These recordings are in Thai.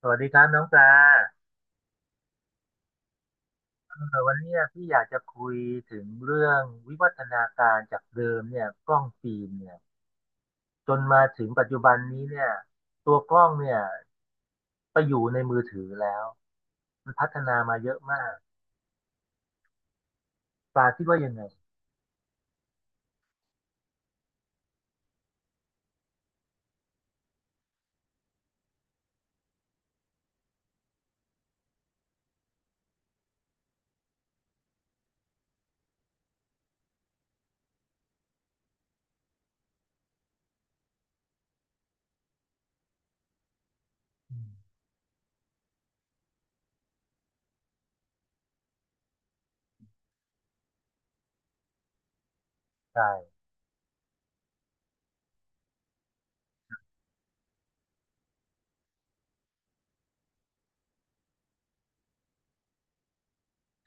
สวัสดีครับน้องปลาเอวันนี้พี่อยากจะคุยถึงเรื่องวิวัฒนาการจากเดิมเนี่ยกล้องฟิล์มเนี่ยจนมาถึงปัจจุบันนี้เนี่ยตัวกล้องเนี่ยไปอยู่ในมือถือแล้วมันพัฒนามาเยอะมากปลาคิดว่ายังไงอืมใช่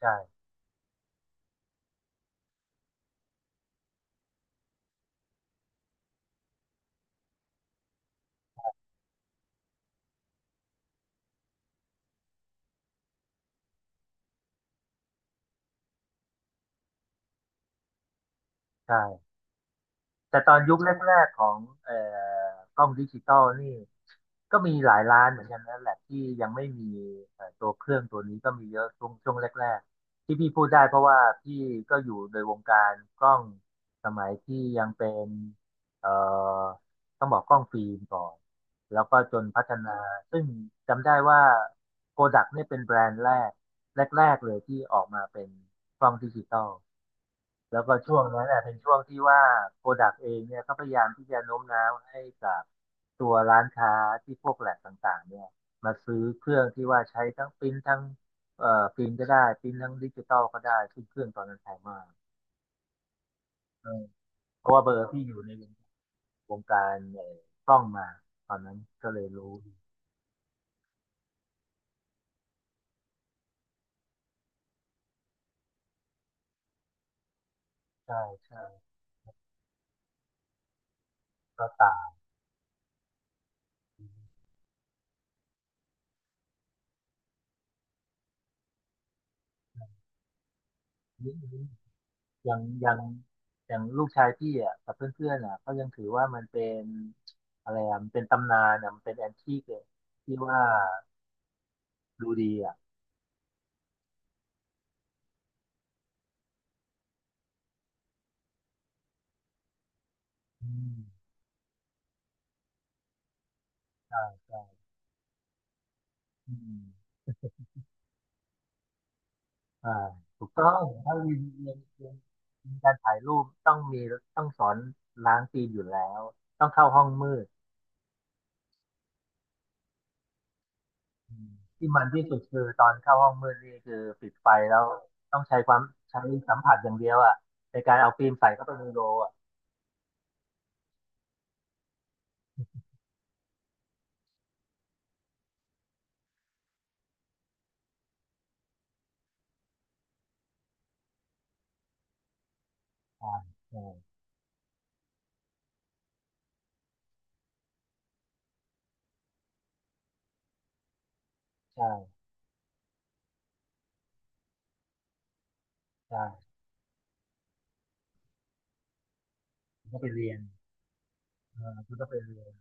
ใช่ใช่ แต่ตอนยุคแรกๆของเอ่อกล้องดิจิตอลนี่ก็มีหลายร้านเหมือนกันนั่นแหละที่ยังไม่มีตัวเครื่องตัวนี้ก็มีเยอะช่วงแรกๆที่พี่พูดได้เพราะว่าพี่ก็อยู่ในวงการกล้องสมัยที่ยังเป็นเอ่อต้องบอกกล้องฟิล์มก่อนแล้วก็จนพัฒนาซึ่งจำได้ว่าโ o ดักเนี่ยเป็นแบรนด์แรกแรกๆเลยที่ออกมาเป็นกล้องดิจิตอล แล้วก็ช่วงนั้นน่ะเป็นช่วงที่ว่าโปรดักต์เองเนี่ยก็พยายามที่จะโน้มน้าวให้กับตัวร้านค้าที่พวกแหลกต่างๆเนี่ยมาซื้อเครื่องที่ว่าใช้ทั้งปริ้นทั้งปริ้นก็ได้ปริ้นทั้งดิจิตอลก็ได้ซึ่งเครื่องตอนนั้นแพงมากเออเพราะว่าเบอร์ที่อยู่ในวงการกล้องมาตอนนั้นก็เลยรู้ใช่ใช่ก็ตามนิดนึง อย่างอย่างอย่างลูกชายพี่อ่ะกับเพื่อนๆอ่ะเขายังถือว่ามันเป็นอะไรอ่ะมันเป็นตำนานอ่ะมันเป็นแอนทีกเลยที่ว่าดูดีอ่ะอืมใช่ใช่อืมอ่าถูกต้องถ้าเรียนเรียนการถ่ายรูปต้องมีต้องสอนล้างฟิล์มอยู่แล้วต้องเข้าห้องมืดอืมที่มันที่สุดคือตอนเข้าห้องมืดนี่คือปิดไฟแล้วต้องใช้ความใช้สัมผัสอย่างเดียวอ่ะในการเอาฟิล์มใส่เข้าไปในโรลอ่ะอ่าใช่ใช่ ใช่มันก็ไปเรียนเออมันก็ไปเรียน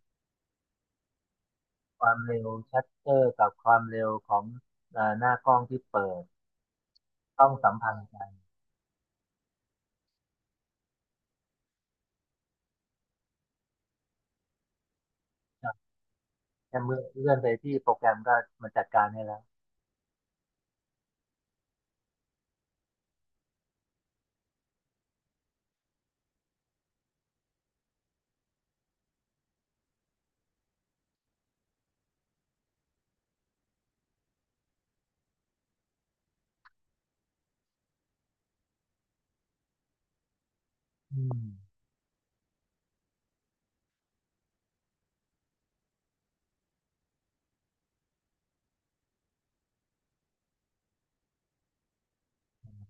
ความเร็วชัตเตอร์กับความเร็วของหน้ากล้องที่เปิด ต้องสัมพันธ์กันครับแค่เมื่อเลื่อนไปที่โปรแกรมก็มันจัดการให้แล้วอืม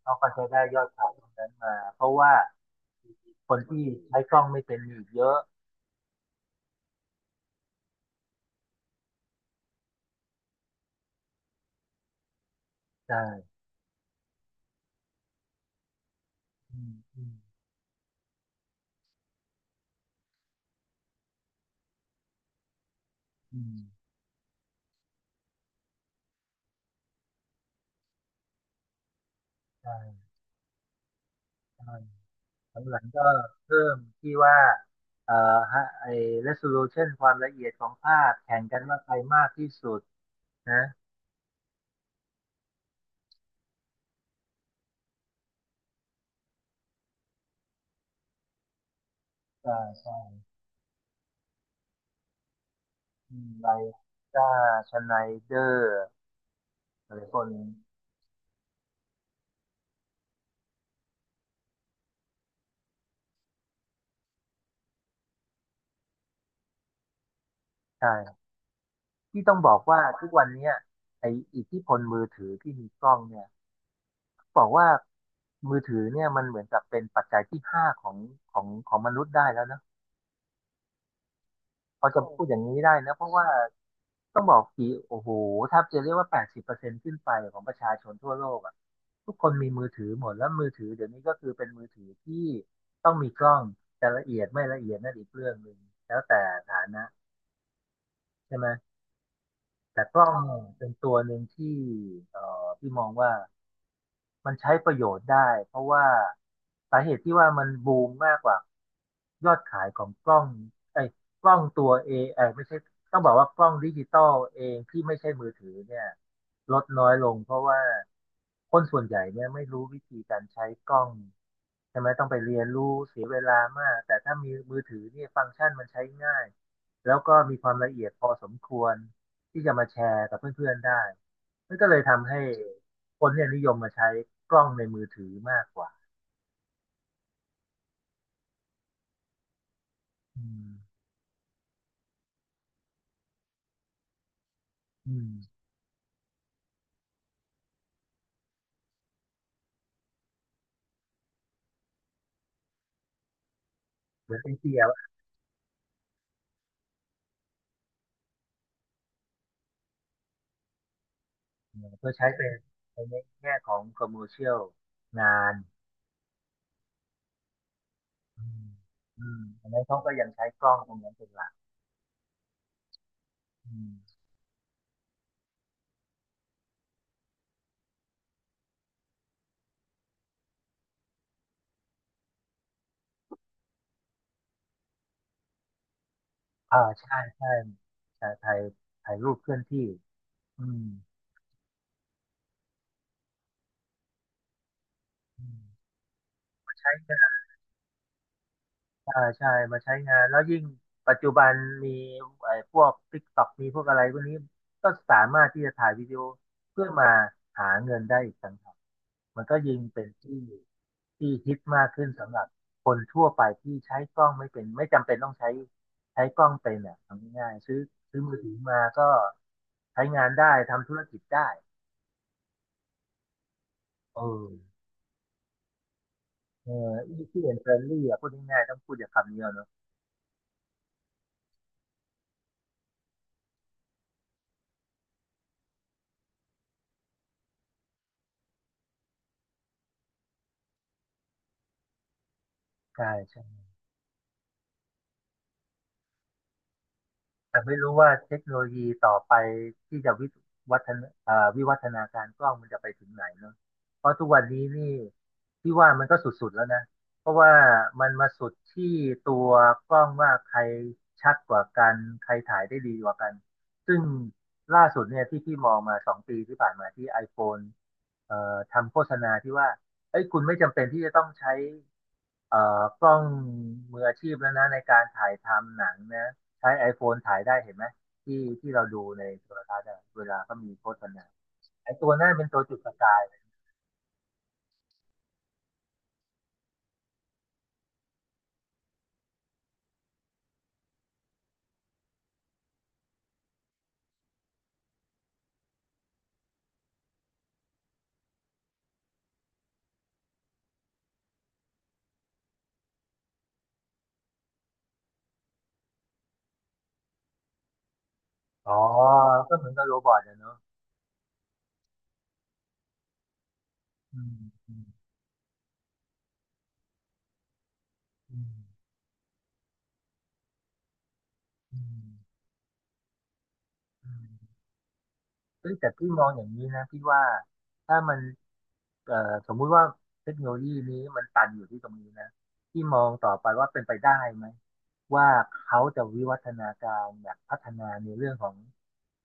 เขาก็จะได้ยอดขายตรงนั้นมา เพราะว่าคนที่ใช้กล้องไม่เป็นมีอีกเยอะใช่อืมอืมอืมใช่ใช่หลังๆก็เพิ่มที่ว่าเอ่อฮะไอ้ resolution ความละเอียดของภาพแข่งกันว่าใครมากที่สุดนะใช่ใช่ อืมไลซ่าชไนเดอร์หรือคนใช่ที่ต้องบอกว่าทุกวันเนี้ยไออิทธิพลมือถือที่มีกล้องเนี่ยบอกว่ามือถือเนี่ยมันเหมือนกับเป็นปัจจัยที่ห้าของของมนุษย์ได้แล้วนะพอจะพูดอย่างนี้ได้นะเพราะว่าต้องบอกกี่โอ้โหแทบจะเรียกว่า80%ขึ้นไปของประชาชนทั่วโลกอ่ะทุกคนมีมือถือหมดแล้วมือถือเดี๋ยวนี้ก็คือเป็นมือถือที่ต้องมีกล้องแต่ละเอียดไม่ละเอียดนั่นอีกเรื่องหนึ่งแล้วแต่ฐานะใช่ไหม แต่กล้องเป็นตัวหนึ่งที่พี่มองว่ามันใช้ประโยชน์ได้เพราะว่าสาเหตุที่ว่ามันบูมมากกว่ายอดขายของกล้องไอ้ยกล้องตัวเอไอไม่ใช่ต้องบอกว่ากล้องดิจิตอลเองที่ไม่ใช่มือถือเนี่ยลดน้อยลงเพราะว่าคนส่วนใหญ่เนี่ยไม่รู้วิธีการใช้กล้อง ใช่ไหมต้องไปเรียนรู้เสียเวลามากแต่ถ้ามีมือถือเนี่ยฟังก์ชันมันใช้ง่ายแล้วก็มีความละเอียดพอสมควรที่จะมาแชร์กับเพื่อนๆได้มันก็เลยทำให้คนเนี่ยนิยมมาใช้กล้องในมือถือมากกว่าอืมอืมเหมือนเป็นเดียวเพื่อใช้เป็นในแง่ของคอมเมอร์เชียลงานอืมอืมอันนั้นเขาก็ยังใช้กล้องตรงนั้นเป็นหลักอืมอ่าใช่ใช่ใช่ถ่ายถ่ายรูปเคลื่อนที่อืมอืมใช้ง ใช่ใช่มาใช้งานแล้วยิ่งปัจจุบันมีไอ้พวก TikTok มีพวกอะไรพวกนี้ก็สามารถที่จะถ่ายวิดีโอเพื่อมาหาเงินได้อีกต่างหากมันก็ยิ่งเป็นที่ที่ฮิตมากขึ้นสำหรับคนทั่วไปที่ใช้กล้องไม่เป็นไม่จำเป็นต้องใช้ใช้กล้องเป็นเนี่ยทำง่ายๆซื้อมือถือมาก็ใช้งานได้ทำธุรกิจได้เออเออ easy and friendly อ่ะพูดง่ายๆต้องพูดอย่างคำนี้อะเนอะใช่ใช่ แต่ไม่รู้ว่าเทคโนโลยีต่อไปที่จะวิวัฒนาวิวัฒนาการกล้องมันจะไปถึงไหนเนาะเพราะทุกวันนี้นี่ที่ว่ามันก็สุดๆแล้วนะ เพราะว่ามันมาสุดที่ตัวกล้องว่าใครชัดกว่ากันใครถ่ายได้ดีกว่ากัน ซึ่งล่าสุดเนี่ยที่พี่มองมา2 ปีที่ผ่านมาที่ iPhone ทำโฆษณาที่ว่าเอ้ยคุณไม่จำเป็นที่จะต้องใช้กล้องมืออาชีพแล้วนะในการถ่ายทำหนังนะ ใช้ iPhone ถ่ายได้เห็นไหมที่ที่เราดูในโทรทัศน์อะเวลาก็มีโฆษณาไอ้ตัวนั้นเป็นตัวจุดประกายเลยอ๋อก็เหมือนกับโรบอทอะเนอะอืมอืมอืมอืมอืมเฮ้ยแต่พี่มองอย่างนี้นะพี่ว่าถ้ามัน เอ่อสมมุติว่าเทคโนโลยีนี้มันตันอยู่ที่ตรงนี้นะที่มองต่อไปว่าเป็นไปได้ไหมว่าเขาจะวิวัฒนาการอยากพัฒนาในเรื่องของ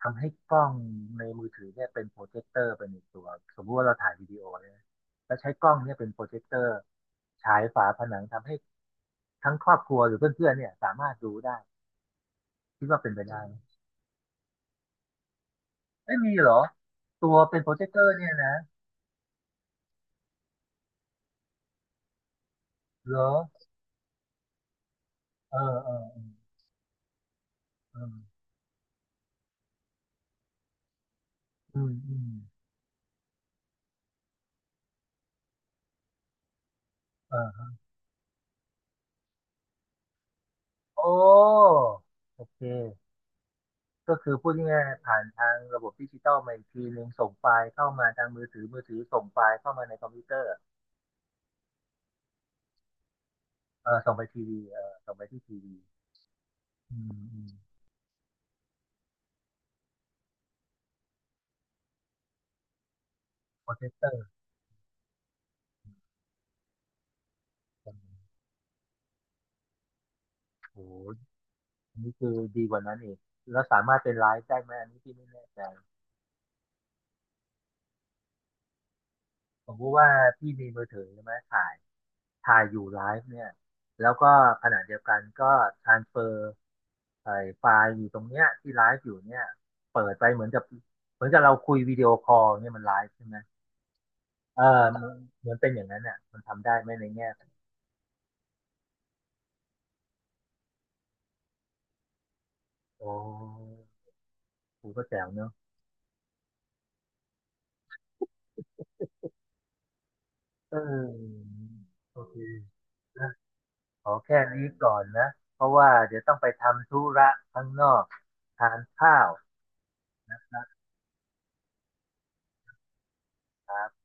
ทำให้กล้องในมือถือเนี่ยเป็นโปรเจคเตอร์ไปในตัวสมมุติว่าเราถ่ายวิดีโอเนี่ยนะแล้วใช้กล้องเนี่ยเป็นโปรเจคเตอร์ฉายฝาผนังทำให้ทั้งครอบครัวหรือเพื่อนๆเนี่ยสามารถดูได้คิดว่าเป็นไปได้ไหมไม่มีเหรอตัวเป็นโปรเจคเตอร์เนี่ยนะเหรอเออเออเออเอออืมอืมเออ โอ้โอเคก็คือพูดง่ายๆผ่านทางระบบดิจิตอลมาอีกทีนึงส่งไฟล์เข้ามาทางมือถือมือถือส่งไฟล์เข้ามาในคอมพิวเตอร์เออส่งไปทีวีเออส่งไปที่ทีวีอืมอืมโปรเจคเตอร์โอ้โหอันนี้คือดีกว่านั้นอีกแล้วสามารถเป็นไลฟ์ได้ไหมอันนี้พี่ไม่แน่ใจผมรู้ว่าพี่มีมือถือใช่ไหมถ่าย ถ่ายอยู่ไลฟ์เนี่ยแล้วก็ขณะเดียวกันก็ทรานเฟอร์ไอ้ไฟล์อยู่ตรงเนี้ยที่ไลฟ์อยู่เนี่ยเปิดไปเหมือนกับเหมือนกับเราคุยวิดีโอคอลเนี่ยมันไลฟ์ใช่ไหมเออมันเหมือนเป็นอย่างนั้นเนี่ยมันทำได้ไหมในแง่ของโอ้กูก็แจ๋วเนอะเออโอเคนะขอแค่นี้ก่อนนะเพราะว่าเดี๋ยวต้องไปทำธุระข้างนอกทานข้าวครับ